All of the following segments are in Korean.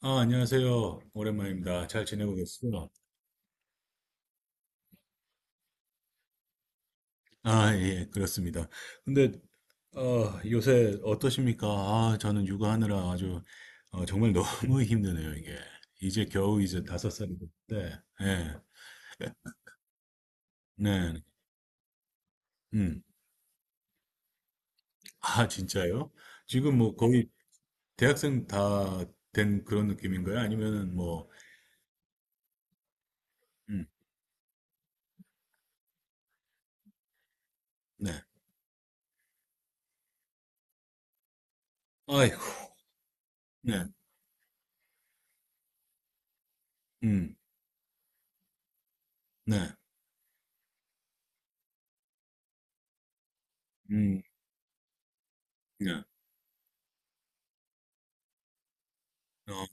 아, 안녕하세요. 오랜만입니다. 잘 지내고 계시죠? 아, 예, 그렇습니다. 근데, 요새 어떠십니까? 아, 저는 육아하느라 아주, 정말 너무 힘드네요, 이게. 이제 겨우 다섯 살이 됐는데, 예, 네, 음. 아, 진짜요? 지금 뭐 거의 대학생 다 된 그런 느낌인가요? 아니면은 뭐, 음, 네. 아이고, 네, 음, 네, 음, 네. 어.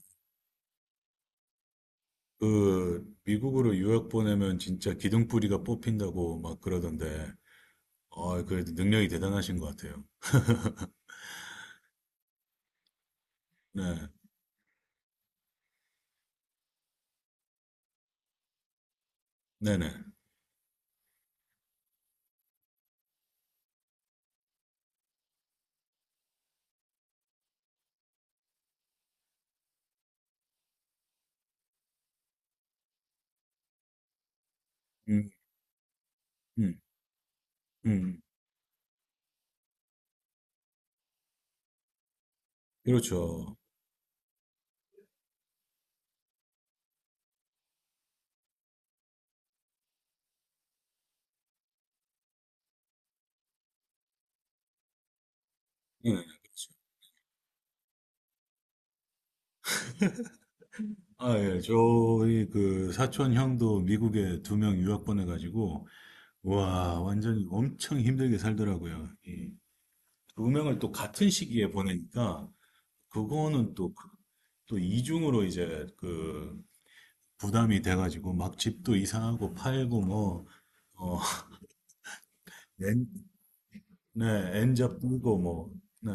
그 미국으로 유학 보내면 진짜 기둥뿌리가 뽑힌다고 막 그러던데, 아, 그래도 능력이 대단하신 것 같아요. 네, 네네. 음, 음, 음. 그렇죠. 네. 아, 예. 저희 그 사촌 형도 미국에 두 명 유학 보내가지고, 와, 완전히 엄청 힘들게 살더라고요. 이 두 명을 또 같은 시기에 보내니까, 그거는 또, 또 이중으로 이제 그 부담이 돼가지고 막 집도 이상하고 팔고 뭐, 어, 엔, 네, 엔잡 끼고 뭐, 네,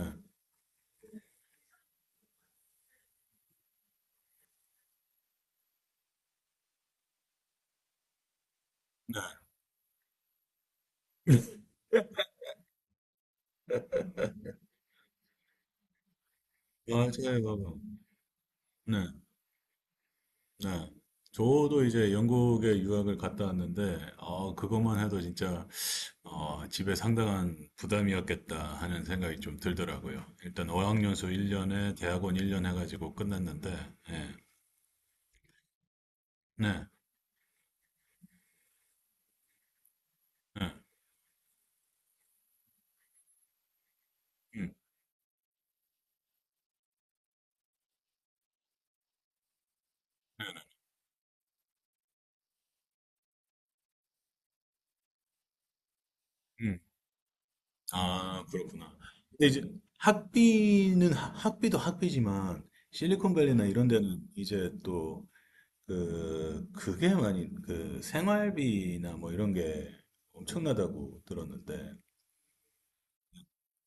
네, 맞아요. 네, 네. 저도 이제 영국에 유학을 갔다 왔는데, 그것만 해도 진짜, 집에 상당한 부담이었겠다 하는 생각이 좀 들더라고요. 일단 어학연수 1년에 대학원 1년 해가지고 끝났는데, 예, 네, 네, 음, 음. 아, 그렇구나. 근데 이제 학비는 학비도 학비지만 실리콘밸리나 이런 데는 이제 또 그게 많이 그 생활비나 뭐 이런 게 엄청나다고 들었는데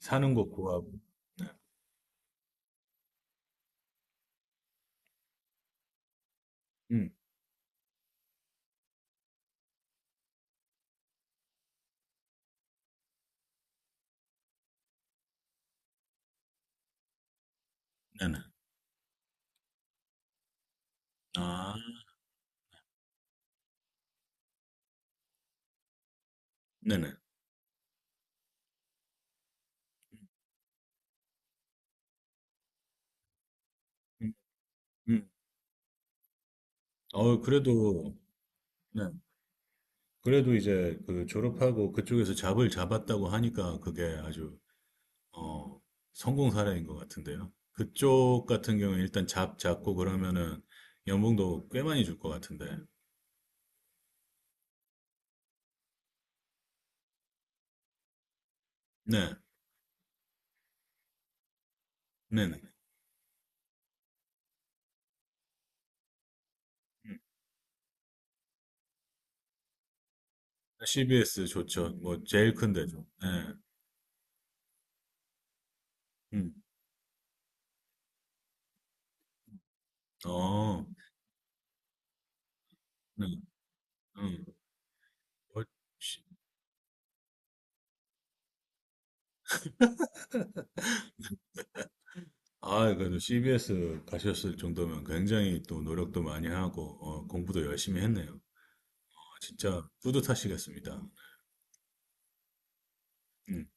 사는 거 구하고. 음, 네네. 아, 네네. 음, 음. 어, 그래도 네. 그래도 이제 그 졸업하고 그쪽에서 잡을 잡았다고 하니까 그게 아주 어, 성공 사례인 것 같은데요. 그쪽 같은 경우에 일단 잡 잡고 그러면은 연봉도 꽤 많이 줄 것 같은데. 네, 네네. CBS 좋죠. 뭐 제일 큰 데죠. 네, 음, 어, 네, 음. 어, 씨- 아, 그래도 CBS 가셨을 정도면 굉장히 또 노력도 많이 하고 공부도 열심히 했네요. 어, 진짜 뿌듯하시겠습니다. 음,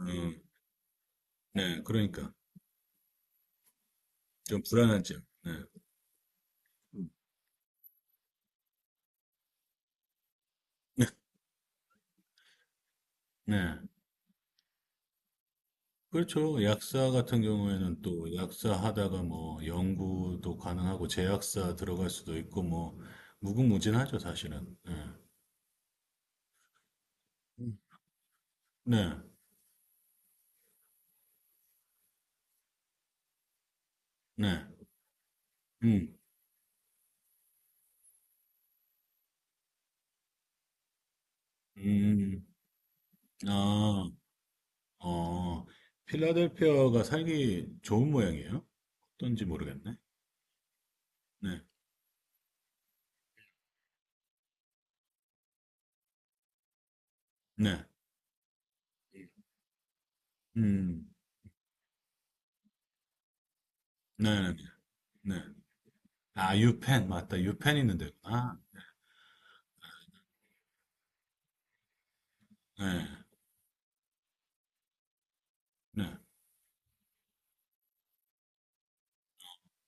음, 네, 그러니까 좀 불안한 점. 네, 네. 그렇죠. 약사 같은 경우에는 또 약사 하다가 뭐 연구도 가능하고 제약사 들어갈 수도 있고 뭐 무궁무진하죠, 사실은. 예. 음. 네, 네, 네. 음, 음, 아, 어, 필라델피아가 살기 좋은 모양이에요? 어떤지 모르겠네. 네, 네, 음, 네, 네, 네. 네. 아, 유펜, 맞다. 유펜 있는 데구나. 네, 네.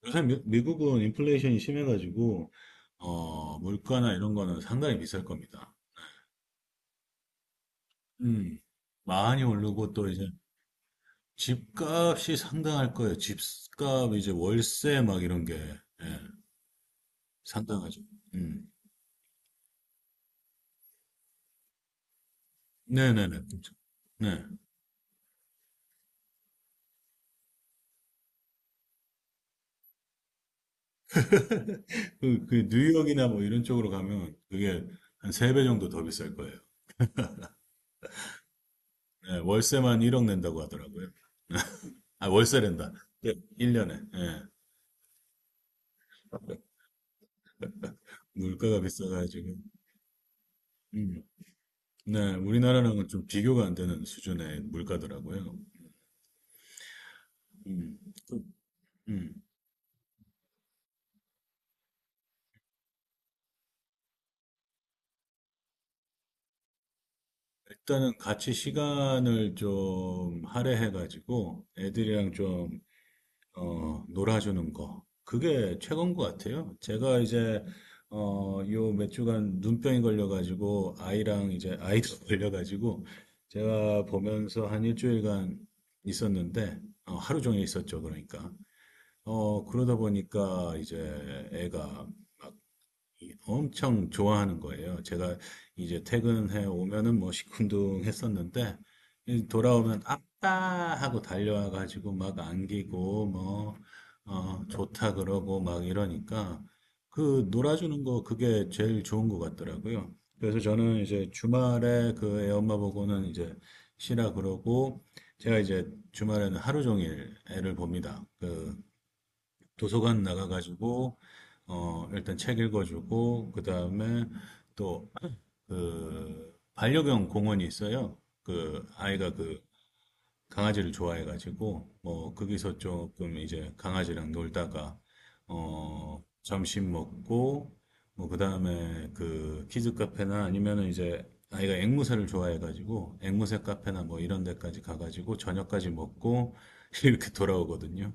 요새 미국은 인플레이션이 심해가지고, 물가나 이런 거는 상당히 비쌀 겁니다. 음, 많이 오르고 또 이제 집값이 상당할 거예요. 집값, 이제 월세 막 이런 게, 예, 상당하죠. 음, 네네네. 그렇죠. 네. 그 뉴욕이나 뭐 이런 쪽으로 가면 그게 한 세 배 정도 더 비쌀 거예요. 예, 월세만 1억 낸다고 하더라고요. 아, 월세 낸다. 예, 1년에. 물가가 비싸가지고. 음. 네, 우리나라랑은 좀 비교가 안 되는 수준의 물가더라고요. 음. 그- 음. 일단은 같이 시간을 좀 할애해가지고 애들이랑 좀, 놀아주는 거. 그게 최고인 것 같아요. 제가 이제, 요 몇 주간 눈병이 걸려가지고 아이랑 이제 아이도 걸려가지고 제가 보면서 한 일주일간 있었는데, 하루 종일 있었죠. 그러니까. 그러다 보니까 이제 애가 엄청 좋아하는 거예요. 제가 이제 퇴근해 오면은 뭐 시큰둥 했었는데, 이 돌아오면 아빠 하고 달려와가지고 막 안기고, 뭐, 좋다 그러고 막 이러니까, 그 놀아주는 거 그게 제일 좋은 것 같더라고요. 그래서 저는 이제 주말에 그 애 엄마 보고는 이제 쉬라 그러고, 제가 이제 주말에는 하루 종일 애를 봅니다. 그 도서관 나가가지고 일단 책 읽어주고 그 다음에 또 그 반려견 공원이 있어요. 그 아이가 그 강아지를 좋아해가지고 뭐 거기서 조금 이제 강아지랑 놀다가 점심 먹고 뭐 그 다음에 그 키즈 카페나 아니면은 이제 아이가 앵무새를 좋아해가지고 앵무새 카페나 뭐 이런 데까지 가가지고 저녁까지 먹고 이렇게 돌아오거든요.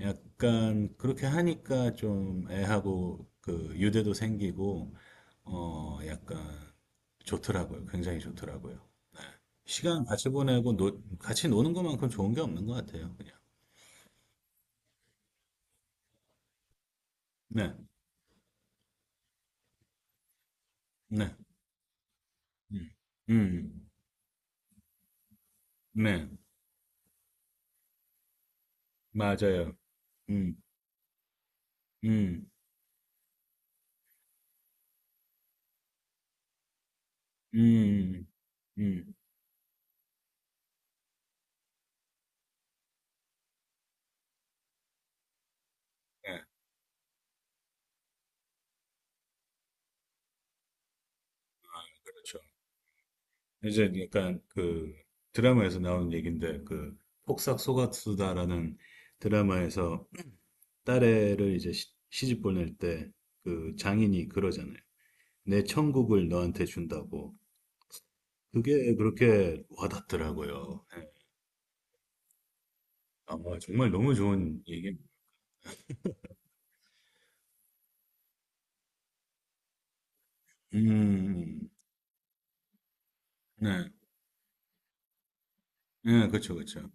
약간 그렇게 하니까 좀 애하고 그 유대도 생기고 약간 좋더라고요. 굉장히 좋더라고요. 시간 같이 보내고 같이 노는 것만큼 좋은 게 없는 것 같아요. 그냥. 네, 네, 음, 음, 네, 맞아요. 음, 음, 음, 음, 네, 그렇죠. 이제 약간 그 드라마에서 나오는 얘기인데 그 폭삭 속았수다라는 드라마에서 딸애를 이제 시집 보낼 때 그 장인이 그러잖아요. 내 천국을 너한테 준다고. 그게 그렇게 와닿더라고요. 네. 아, 정말 너무 좋은 얘기. 음, 네, 네, 그렇죠, 그렇죠.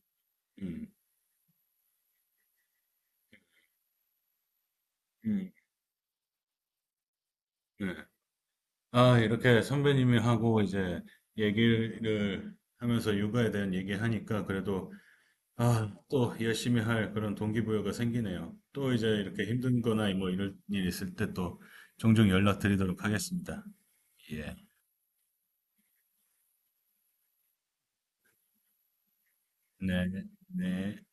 음, 음, 네. 아, 이렇게 선배님이 하고 이제 얘기를 하면서 육아에 대한 얘기하니까 그래도 아, 또 열심히 할 그런 동기부여가 생기네요. 또 이제 이렇게 힘든 거나 뭐 이런 일 있을 때 또 종종 연락드리도록 하겠습니다. 예. 네, 네.